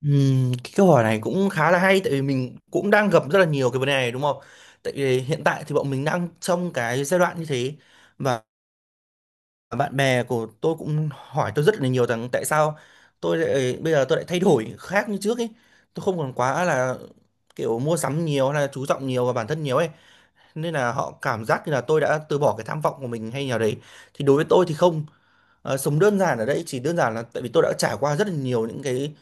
Cái câu hỏi này cũng khá là hay tại vì mình cũng đang gặp rất là nhiều cái vấn đề này đúng không? Tại vì hiện tại thì bọn mình đang trong cái giai đoạn như thế, và bạn bè của tôi cũng hỏi tôi rất là nhiều rằng tại sao tôi lại bây giờ tôi lại thay đổi khác như trước ấy. Tôi không còn quá là kiểu mua sắm nhiều hay là chú trọng nhiều vào bản thân nhiều ấy, nên là họ cảm giác như là tôi đã từ bỏ cái tham vọng của mình hay nào đấy, thì đối với tôi thì không. Sống đơn giản ở đây chỉ đơn giản là tại vì tôi đã trải qua rất là nhiều những cái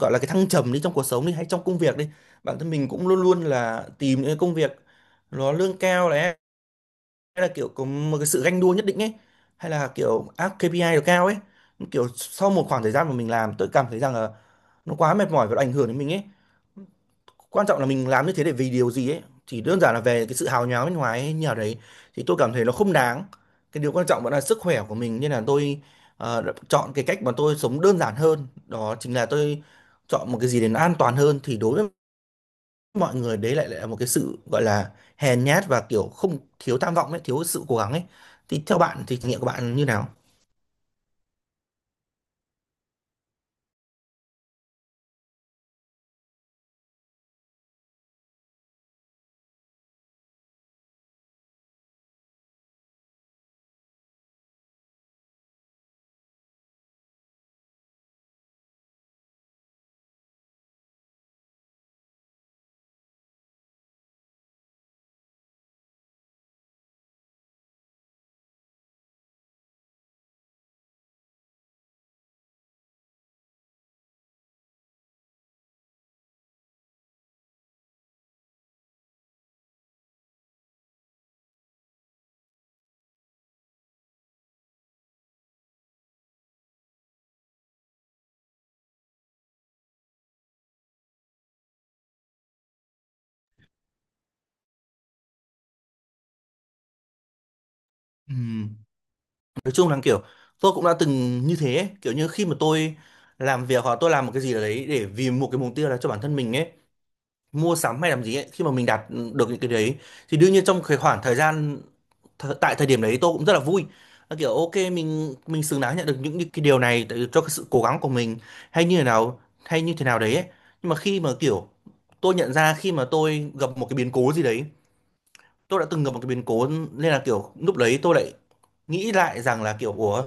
gọi là cái thăng trầm đi trong cuộc sống đi hay trong công việc đi, bản thân mình cũng luôn luôn là tìm những cái công việc nó lương cao này, hay là kiểu có một cái sự ganh đua nhất định ấy, hay là kiểu áp KPI được cao ấy, kiểu sau một khoảng thời gian mà mình làm, tôi cảm thấy rằng là nó quá mệt mỏi và nó ảnh hưởng đến mình ấy. Quan trọng là mình làm như thế để vì điều gì ấy, chỉ đơn giản là về cái sự hào nhoáng bên ngoài ấy, như nào đấy, thì tôi cảm thấy nó không đáng. Cái điều quan trọng vẫn là sức khỏe của mình nên là tôi đã chọn cái cách mà tôi sống đơn giản hơn, đó chính là tôi chọn một cái gì để nó an toàn hơn, thì đối với mọi người đấy lại lại là một cái sự gọi là hèn nhát và kiểu không thiếu tham vọng ấy, thiếu sự cố gắng ấy. Thì theo bạn thì trải nghiệm của bạn như nào? Ừ. Nói chung là kiểu tôi cũng đã từng như thế ấy. Kiểu như khi mà tôi làm việc hoặc tôi làm một cái gì đấy để vì một cái mục tiêu là cho bản thân mình ấy, mua sắm hay làm gì ấy, khi mà mình đạt được những cái đấy thì đương nhiên trong cái khoảng thời gian tại thời điểm đấy tôi cũng rất là vui. Là kiểu ok, mình xứng đáng nhận được những cái điều này cho cái sự cố gắng của mình hay như thế nào hay như thế nào đấy ấy. Nhưng mà khi mà kiểu tôi nhận ra khi mà tôi gặp một cái biến cố gì đấy, tôi đã từng gặp một cái biến cố, nên là kiểu lúc đấy tôi lại nghĩ lại rằng là kiểu ủa,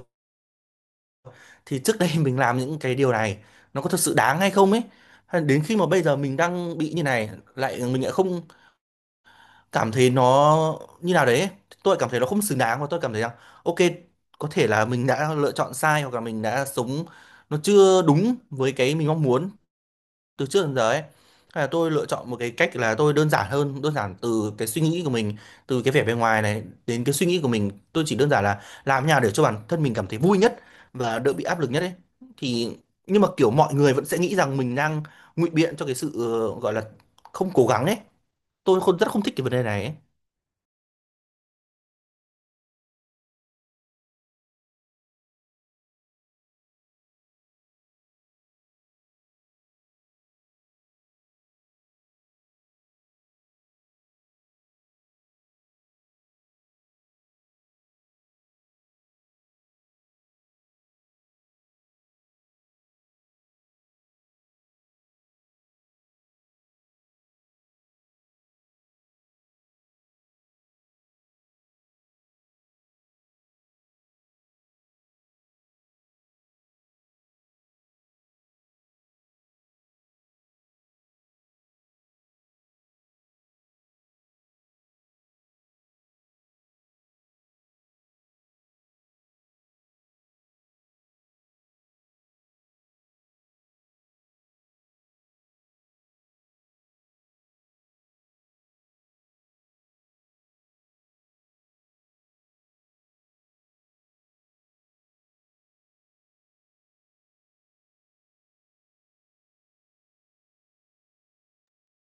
thì trước đây mình làm những cái điều này nó có thật sự đáng hay không ấy. Hay đến khi mà bây giờ mình đang bị như này lại mình lại không cảm thấy nó như nào đấy, tôi lại cảm thấy nó không xứng đáng và tôi cảm thấy rằng ok, có thể là mình đã lựa chọn sai hoặc là mình đã sống nó chưa đúng với cái mình mong muốn từ trước đến giờ ấy. Hay là tôi lựa chọn một cái cách là tôi đơn giản hơn, đơn giản từ cái suy nghĩ của mình, từ cái vẻ bề ngoài này đến cái suy nghĩ của mình, tôi chỉ đơn giản là làm nhà để cho bản thân mình cảm thấy vui nhất và đỡ bị áp lực nhất ấy. Thì nhưng mà kiểu mọi người vẫn sẽ nghĩ rằng mình đang ngụy biện cho cái sự gọi là không cố gắng ấy. Tôi không rất không thích cái vấn đề này ấy.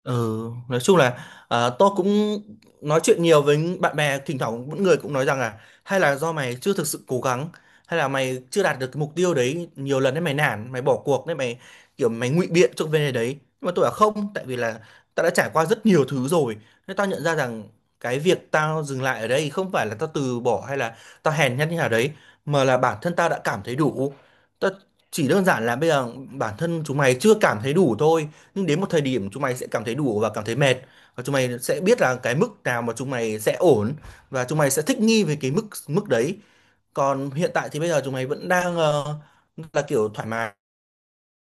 Ừ, nói chung là tôi cũng nói chuyện nhiều với bạn bè, thỉnh thoảng mỗi người cũng nói rằng là hay là do mày chưa thực sự cố gắng, hay là mày chưa đạt được cái mục tiêu đấy nhiều lần đấy, mày nản, mày bỏ cuộc đấy, mày kiểu mày ngụy biện cho cái vấn đề đấy. Nhưng mà tôi là không, tại vì là tao đã trải qua rất nhiều thứ rồi, nên tao nhận ra rằng cái việc tao dừng lại ở đây không phải là tao từ bỏ hay là tao hèn nhát như nào đấy, mà là bản thân tao đã cảm thấy đủ. Tao chỉ đơn giản là bây giờ bản thân chúng mày chưa cảm thấy đủ thôi, nhưng đến một thời điểm chúng mày sẽ cảm thấy đủ và cảm thấy mệt, và chúng mày sẽ biết là cái mức nào mà chúng mày sẽ ổn, và chúng mày sẽ thích nghi với cái mức mức đấy. Còn hiện tại thì bây giờ chúng mày vẫn đang là kiểu thoải mái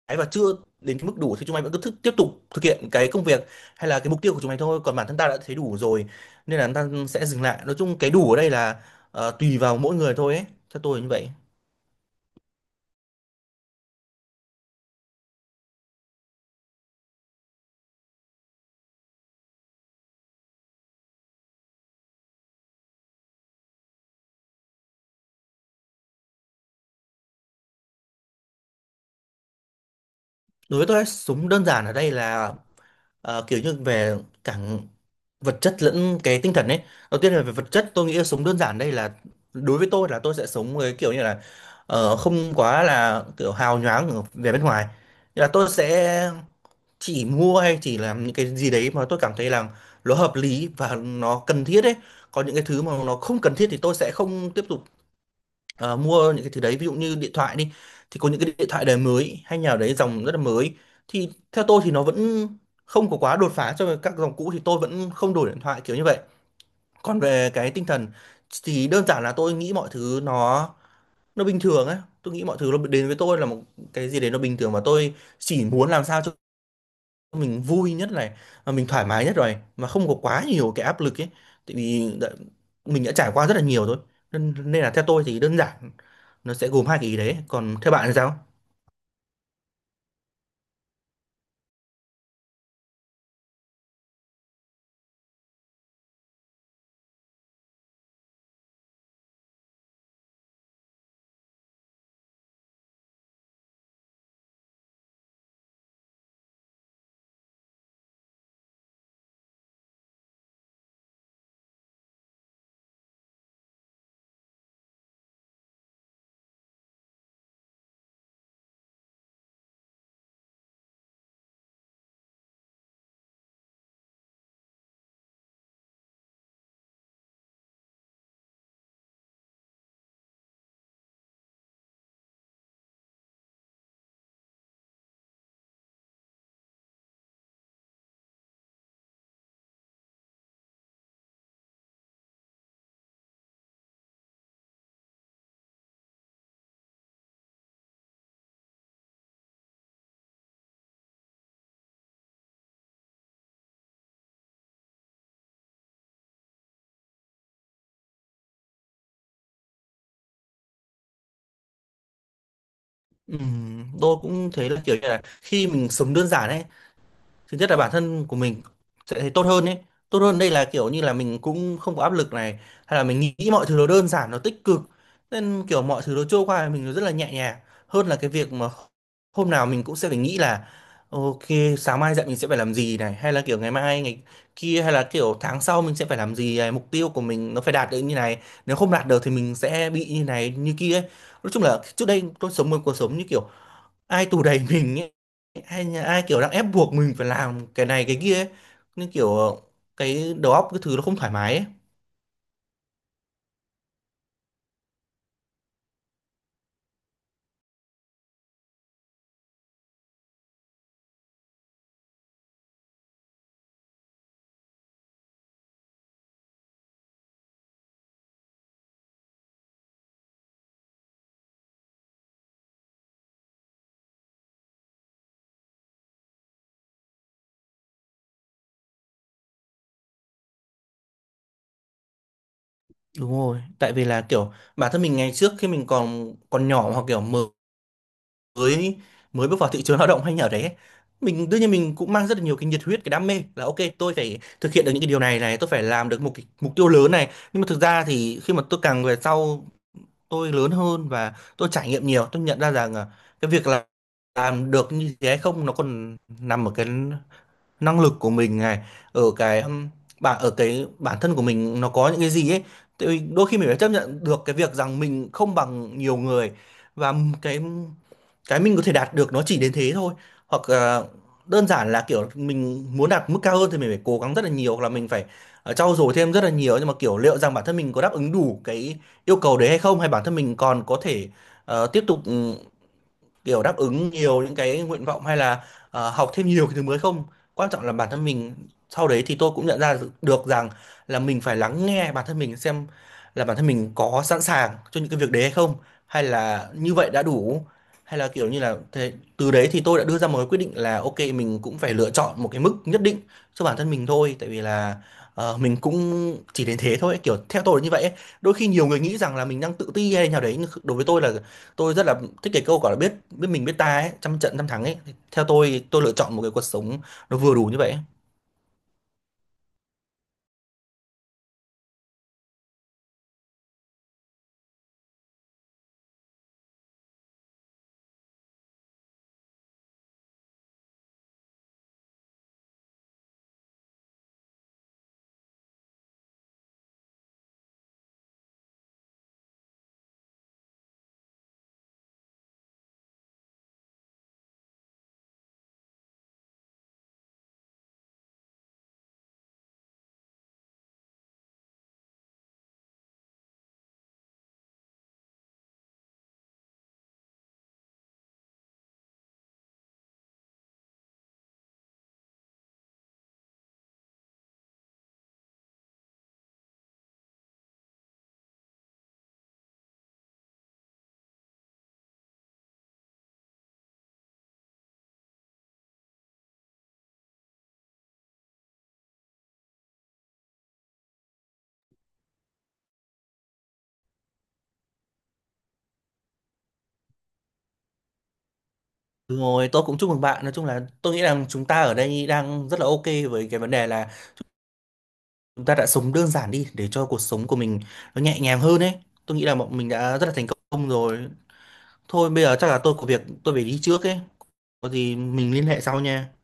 và chưa đến cái mức đủ, thì chúng mày vẫn cứ tiếp tục thực hiện cái công việc hay là cái mục tiêu của chúng mày thôi, còn bản thân ta đã thấy đủ rồi nên là ta sẽ dừng lại. Nói chung cái đủ ở đây là tùy vào mỗi người thôi ấy, theo tôi là như vậy. Đối với tôi súng đơn giản ở đây là kiểu như về cả vật chất lẫn cái tinh thần ấy. Đầu tiên là về vật chất, tôi nghĩ là súng đơn giản đây là đối với tôi là tôi sẽ sống với kiểu như là không quá là kiểu hào nhoáng về bên ngoài. Nghĩa là tôi sẽ chỉ mua hay chỉ làm những cái gì đấy mà tôi cảm thấy là nó hợp lý và nó cần thiết ấy, còn những cái thứ mà nó không cần thiết thì tôi sẽ không tiếp tục ờ, mua những cái thứ đấy. Ví dụ như điện thoại đi, thì có những cái điện thoại đời mới hay nhà đấy dòng rất là mới, thì theo tôi thì nó vẫn không có quá đột phá so với các dòng cũ, thì tôi vẫn không đổi điện thoại kiểu như vậy. Còn về cái tinh thần thì đơn giản là tôi nghĩ mọi thứ nó bình thường ấy, tôi nghĩ mọi thứ nó đến với tôi là một cái gì đấy nó bình thường, và tôi chỉ muốn làm sao cho mình vui nhất này, mà mình thoải mái nhất rồi, mà không có quá nhiều cái áp lực ấy. Tại vì mình đã trải qua rất là nhiều rồi, nên nên là theo tôi thì đơn giản nó sẽ gồm hai cái ý đấy. Còn theo bạn thì sao? Tôi cũng thấy là kiểu như là khi mình sống đơn giản ấy, thứ nhất là bản thân của mình sẽ thấy tốt hơn ấy. Tốt hơn đây là kiểu như là mình cũng không có áp lực này, hay là mình nghĩ mọi thứ nó đơn giản nó tích cực, nên kiểu mọi thứ nó trôi qua mình nó rất là nhẹ nhàng hơn là cái việc mà hôm nào mình cũng sẽ phải nghĩ là ok, sáng mai dậy mình sẽ phải làm gì này, hay là kiểu ngày mai ngày kia, hay là kiểu tháng sau mình sẽ phải làm gì này, mục tiêu của mình nó phải đạt được như này, nếu không đạt được thì mình sẽ bị như này như kia ấy. Nói chung là trước đây tôi sống một cuộc sống như kiểu ai tù đẩy mình ấy, ai kiểu đang ép buộc mình phải làm cái này cái kia ấy. Nên kiểu cái đầu óc cái thứ nó không thoải mái ấy. Đúng rồi, tại vì là kiểu bản thân mình ngày trước khi mình còn còn nhỏ hoặc kiểu mới mới bước vào thị trường lao động hay nhà đấy ấy, mình đương nhiên mình cũng mang rất là nhiều cái nhiệt huyết cái đam mê, là ok tôi phải thực hiện được những cái điều này này, tôi phải làm được một cái mục tiêu lớn này. Nhưng mà thực ra thì khi mà tôi càng về sau tôi lớn hơn và tôi trải nghiệm nhiều, tôi nhận ra rằng cái việc là làm được như thế hay không nó còn nằm ở cái năng lực của mình này, ở cái ở cái bản thân của mình nó có những cái gì ấy. Tại vì đôi khi mình phải chấp nhận được cái việc rằng mình không bằng nhiều người, và cái mình có thể đạt được nó chỉ đến thế thôi, hoặc là đơn giản là kiểu mình muốn đạt mức cao hơn thì mình phải cố gắng rất là nhiều, hoặc là mình phải trau dồi thêm rất là nhiều. Nhưng mà kiểu liệu rằng bản thân mình có đáp ứng đủ cái yêu cầu đấy hay không, hay bản thân mình còn có thể tiếp tục kiểu đáp ứng nhiều những cái nguyện vọng, hay là học thêm nhiều cái thứ mới không. Quan trọng là bản thân mình, sau đấy thì tôi cũng nhận ra được rằng là mình phải lắng nghe bản thân mình xem là bản thân mình có sẵn sàng cho những cái việc đấy hay không, hay là như vậy đã đủ, hay là kiểu như là thế. Từ đấy thì tôi đã đưa ra một cái quyết định là ok, mình cũng phải lựa chọn một cái mức nhất định cho bản thân mình thôi, tại vì là mình cũng chỉ đến thế thôi, kiểu theo tôi là như vậy ấy. Đôi khi nhiều người nghĩ rằng là mình đang tự ti hay nào đấy, nhưng đối với tôi là tôi rất là thích cái câu gọi là biết biết mình biết ta ấy, trăm trận trăm thắng ấy. Thì theo tôi lựa chọn một cái cuộc sống nó vừa đủ như vậy ấy. Đúng rồi, tôi cũng chúc mừng bạn. Nói chung là tôi nghĩ rằng chúng ta ở đây đang rất là ok với cái vấn đề là chúng ta đã sống đơn giản đi để cho cuộc sống của mình nó nhẹ nhàng hơn ấy, tôi nghĩ là bọn mình đã rất là thành công rồi. Thôi bây giờ chắc là tôi có việc tôi phải đi trước ấy, có gì mình liên hệ sau nha.